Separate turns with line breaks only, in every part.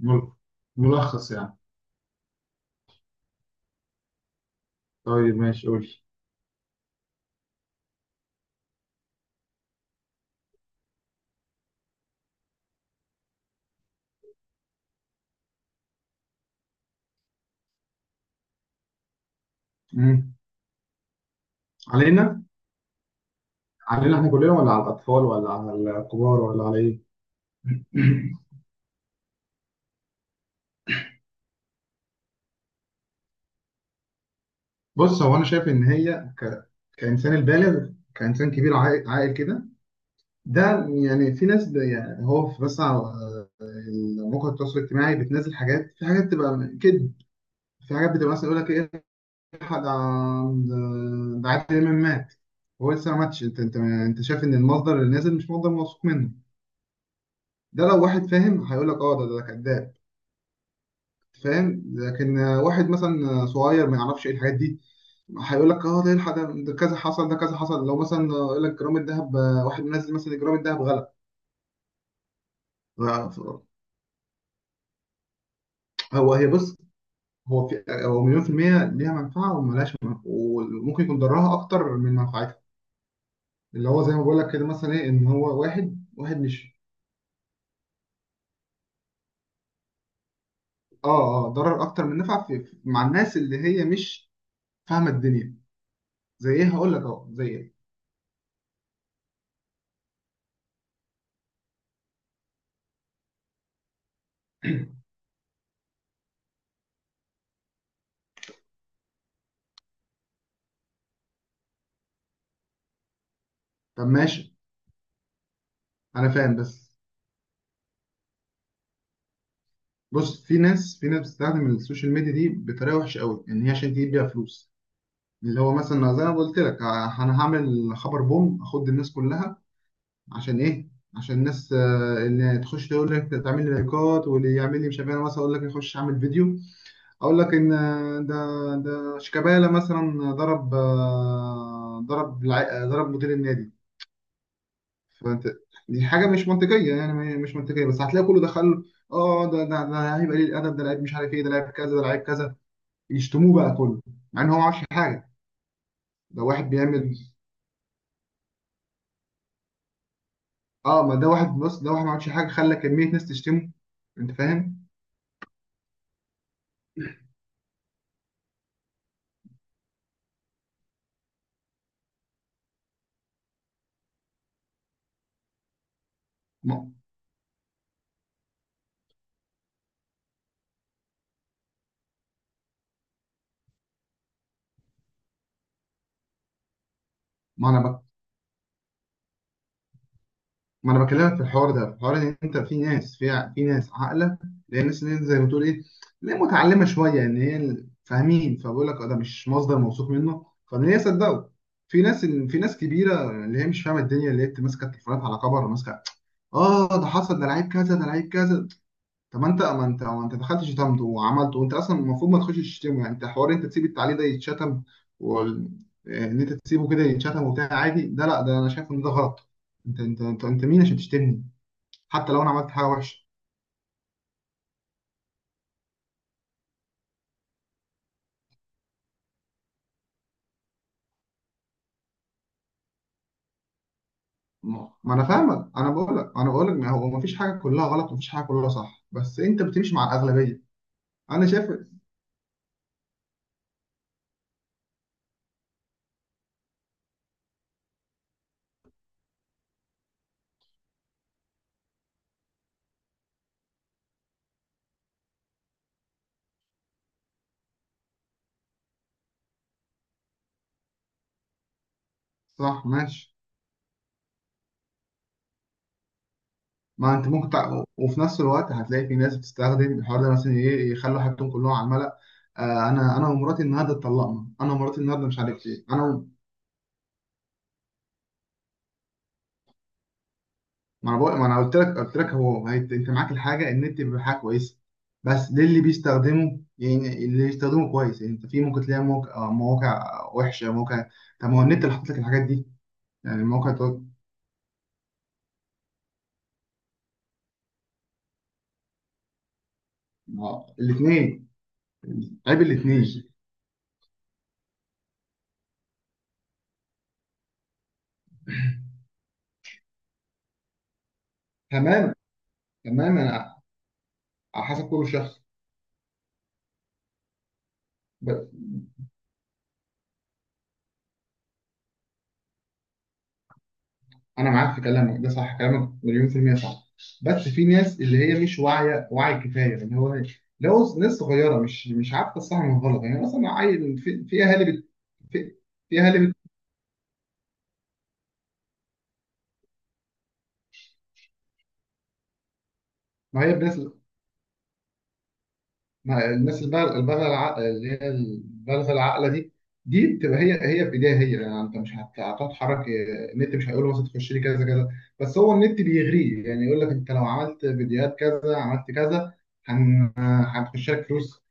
مل- ملخص يعني. طيب، ماشي قول. مم. علينا علينا احنا كلنا، ولا على الاطفال، ولا على الكبار، ولا على ايه؟ بص، هو انا شايف ان هي كانسان البالغ، كانسان كبير عاقل عاقل كده، ده يعني في ناس يعني هو في بس على مواقع التواصل الاجتماعي بتنزل حاجات، في حاجات تبقى كده، في حاجات بتبقى مثلا يقول لك ايه، ده ده ده عادل امام مات، هو لسه ما ماتش. انت شايف ان المصدر اللي نازل مش مصدر موثوق منه. ده لو واحد فاهم هيقول لك اه، ده كذاب، فاهم. لكن واحد مثلا صغير ما يعرفش ايه الحاجات دي، هيقول لك اه، ده إيه ده كذا حصل، ده كذا حصل. لو مثلا يقول لك جرام الذهب، واحد منزل مثلا جرام الذهب غلط. هو هي بص، هو مليون في المية ليها منفعة وملهاش منفعة، وممكن يكون ضرها أكتر من منفعتها. اللي هو زي ما بقول لك كده، مثلا إيه، إن هو واحد واحد مش... آه ضرر أكتر من نفع مع الناس اللي هي مش فاهمة الدنيا. زي إيه؟ هقول لك أهو زي إيه. طب ماشي، انا فاهم بس. بص، في ناس بتستخدم السوشيال ميديا دي بطريقه وحشه قوي، ان هي عشان تجيب بيها فلوس. اللي هو مثلا زي ما قلت لك، انا هعمل خبر بوم اخد الناس كلها. عشان ايه؟ عشان الناس اللي تخش تقول لك تعمل لي لايكات، واللي يعمل لي مش عارف إيه. أنا مثلا اقول لك اخش اعمل فيديو، اقول لك ان ده شيكابالا مثلا ضرب، ضرب ضرب مدير النادي. فانت، دي حاجه مش منطقيه، يعني مش منطقيه، بس هتلاقي كله دخل: اه، ده لعيب قليل الادب، ده لعيب مش عارف ايه، ده لعيب كذا، ده لعيب كذا، يشتموه بقى كله، مع ان هو ما عملش حاجه. ده واحد بيعمل، اه، ما ده واحد، بص، ده واحد ما عملش حاجه، خلى كميه ناس تشتمه. انت فاهم؟ ما, ما انا ما انا بكلمك في الحوار ده، في الحوار ان انت في ناس، في ناس عاقله اللي هي الناس اللي زي ما بتقول ايه، اللي هي متعلمه شويه، ان هي فاهمين، فبقول لك اه، ده مش مصدر موثوق منه، فان هي صدقوا. في ناس كبيره اللي هي مش فاهمه الدنيا، اللي هي ماسكه التليفونات على كبر، ماسكه: اه، ده حصل، ده لعيب كذا، ده لعيب كذا. طب ما انت دخلت شتمته وعملته، وانت اصلا المفروض ما تخش تشتمه. يعني انت حوار، انت تسيب التعليق ده يتشتم وال... ان انت تسيبه كده يتشتم وبتاع عادي؟ ده لا، ده انا شايف ان ده غلط. انت مين عشان تشتمني؟ حتى لو انا عملت حاجه وحشه. ما ما انا فاهمك، انا بقول لك ما هو ما فيش حاجه كلها غلط، ومفيش حاجه كلها صح، بس انت بتمشي مع الاغلبيه. انا شايف صح، ماشي. ما انت ممكن تع... وفي نفس الوقت هتلاقي في ناس بتستخدم الحوار ده مثلا ايه، يخلوا حياتهم كلهم على الملأ: انا ومراتي النهارده اتطلقنا، انا ومراتي النهارده مش عارف ايه انا. ما انا بقول ما انا قلت لك قلت لك هو انت معاك الحاجه، النت بيبقى حاجه كويسه، بس ليه؟ اللي بيستخدمه، يعني اللي بيستخدمه كويس. يعني انت في ممكن تلاقي موقع، مواقع وحشه، مواقع. طب ما هو النت اللي حاطط لك الحاجات دي، يعني المواقع تقول. الاثنين. عيب الاثنين. تمام، تمام، انا. على حسب كل شخص. انا معاك في كلامك ده صح، كلامك مليون في المية صح، بس في ناس اللي هي مش واعية وعي كفاية، اللي هو لو ناس صغيرة مش عارفة الصح من الغلط، يعني مثلا عيل، في اهالي بت، في, في اهالي بت. ما هي الناس، ما الناس البالغة، البالغة اللي هي البالغة العاقلة دي، دي بتبقى هي، هي في ايديها هي. يعني انت مش هتتحرك النت مش هيقول له مثلا تخش لي كذا كذا، بس هو النت بيغريه، يعني يقول لك انت لو عملت فيديوهات كذا، عملت كذا، هن- هتخش لك فلوس،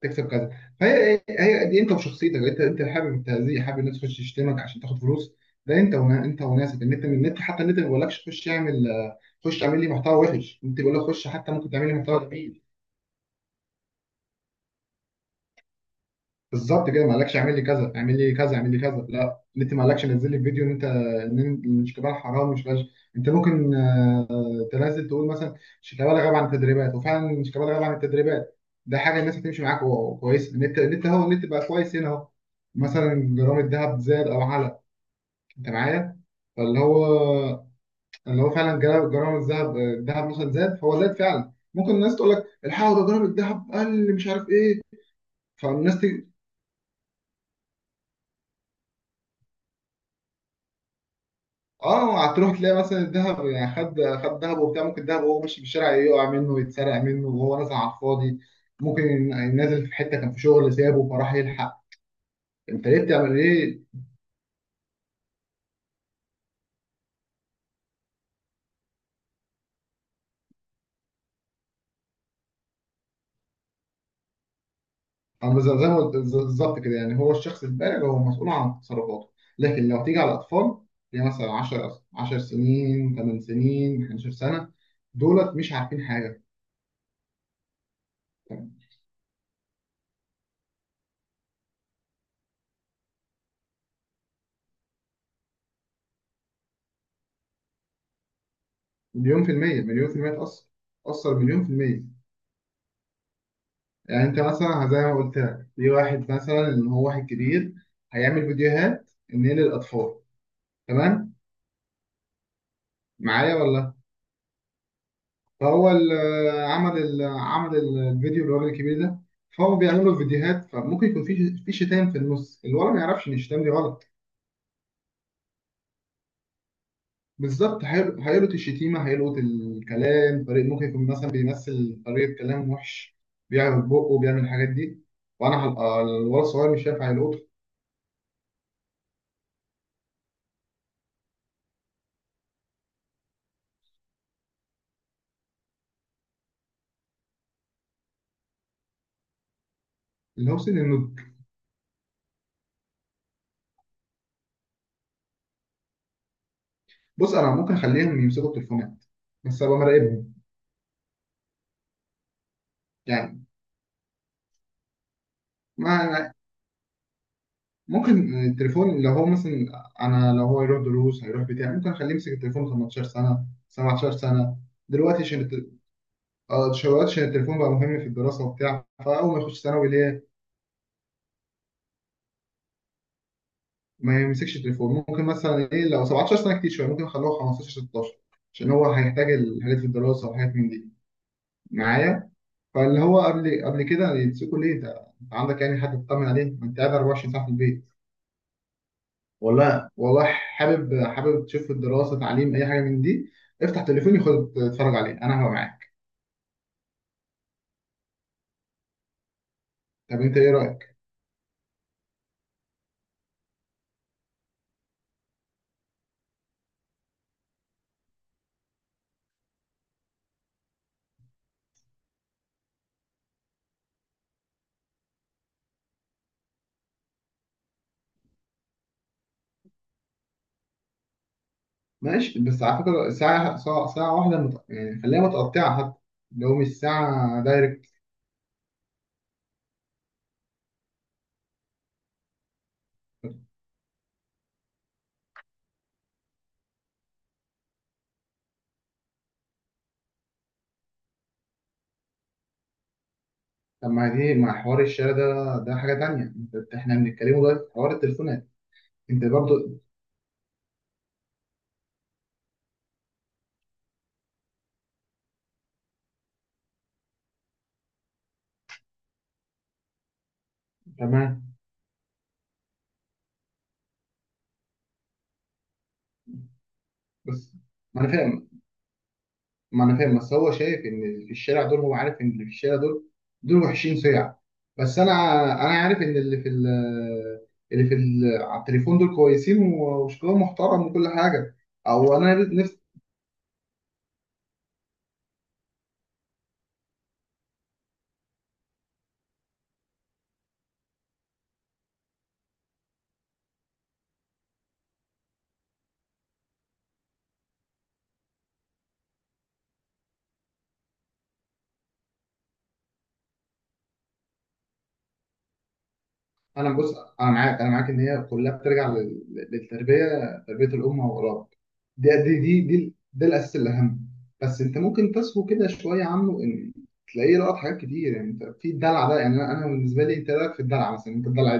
تكسب كذا. فهي هي دي انت وشخصيتك، انت حابب التهزيء، حابب الناس تخش تشتمك عشان تاخد فلوس. ده انت انت وناسك النت. من النت حتى، النت ما بيقولكش خش اعمل، خش اعمل لي محتوى وحش، انت بيقول لك خش، حتى ممكن تعمل لي محتوى جميل. بالظبط كده، ما قالكش اعمل لي كذا اعمل لي كذا اعمل لي كذا، لا، النت ما قالكش نزل لي فيديو ان انت ان مش كبار حرام مش فاش. انت ممكن كنت نازل تقول مثلا شيكابالا غاب عن التدريبات، وفعلا شيكابالا غاب عن التدريبات، ده حاجه الناس هتمشي معاك كويس، ان انت ان انت هو ان انت بقى كويس هنا اهو. مثلا جرام الذهب زاد او علا، انت معايا؟ فاللي هو فعلا جرام الذهب مثلا زاد، فهو زاد فعلا، ممكن الناس تقول لك الحقوا، ده جرام الذهب قل، مش عارف ايه. فالناس تيجي، اه، هتروح تلاقي مثلا الذهب يعني خد ذهب وبتاع، ممكن الذهب وهو ماشي في الشارع يقع منه، يتسرق منه، وهو نازل على الفاضي، ممكن نازل في حته كان في شغل سابه فراح يلحق. انت ليه بتعمل ايه؟ انا زي ما قلت بالظبط كده، يعني هو الشخص البالغ هو مسؤول عن تصرفاته. لكن لو تيجي على الاطفال اللي مثلا 10 سنين، 8 سنين، 11 سنه، دولت مش عارفين حاجه. مليون في المية مليون في المية تأثر، تأثر مليون في المية. يعني انت مثلا زي ما قلت لك، في واحد مثلا ان هو واحد كبير، هيعمل فيديوهات ان هي للاطفال، تمام، معايا ولا؟ فهو الفيديو، الراجل الكبير ده فهو بيعمل له فيديوهات، فممكن يكون في شتائم في النص، الولد ما يعرفش ان الشتائم دي غلط. بالظبط، هيلقط الشتيمه، هيلقط الكلام، طريق ممكن يكون مثلا بيمثل طريقه كلام وحش، بيعمل بقه وبيعمل الحاجات دي، وانا هبقى الولد الصغير مش شايف، هيلقطه. اللي هو سن النضج. بص، انا ممكن اخليهم يمسكوا التليفونات، بس ابقى مراقبهم. يعني ما أنا ممكن التليفون لو هو مثلا، انا لو هو يروح دروس هيروح بتاع، ممكن اخليه يمسك التليفون 18 سنه 17 سنه، دلوقتي عشان دلوقتي عشان التليفون بقى مهم في الدراسه وبتاع، فاول ما يخش ثانوي ليه. ما يمسكش التليفون، ممكن مثلا ايه لو 17 سنه كتير شويه، ممكن اخلوه 15 16، عشان هو هيحتاج الحاجات في الدراسه وحاجات من دي. معايا؟ فاللي هو قبل كده يمسكوا ليه، ده انت عندك يعني حد تطمن عليه، ما انت قاعد 24 ساعه في البيت، والله والله حابب حابب تشوف الدراسه، تعليم، اي حاجه من دي، افتح تليفوني خد اتفرج عليه، انا هبقى معاك. طب انت ايه رايك؟ ماشي، بس على فكره، ساعه، ساعه, ساعة واحده يعني خليها متقطعه حتى لو مش ساعه دايركت. طب ما دي مع حوار الشارع، ده حاجه تانية، انت احنا بنتكلموا دلوقتي في حوار التليفونات. انت برضو. تمام، بس ما انا فاهم ما انا فاهم بس هو شايف ان اللي في الشارع دول، هو عارف ان اللي في الشارع دول دول وحشين سيع. بس انا عارف ان على التليفون دول كويسين وشكلهم محترم وكل حاجه، او انا نفسي انا. بص، انا معاك ان هي كلها بترجع للتربيه، تربيه الام واولاد. ده الاساس الاهم، بس انت ممكن تسهو كده شويه عنه، ان تلاقيه لقط حاجات كتير، يعني انت في الدلع ده، يعني انا بالنسبه لي انت رايك في الدلع مثلا انت الدلع؟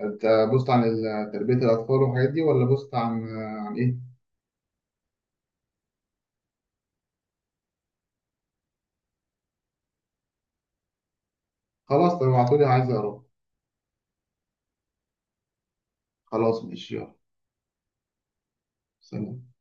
انت بوست عن تربية الأطفال والحاجات دي، ولا بوست عن إيه؟ خلاص، طب ابعتولي، عايز أقرأ. خلاص، ماشي، يلا. سلام.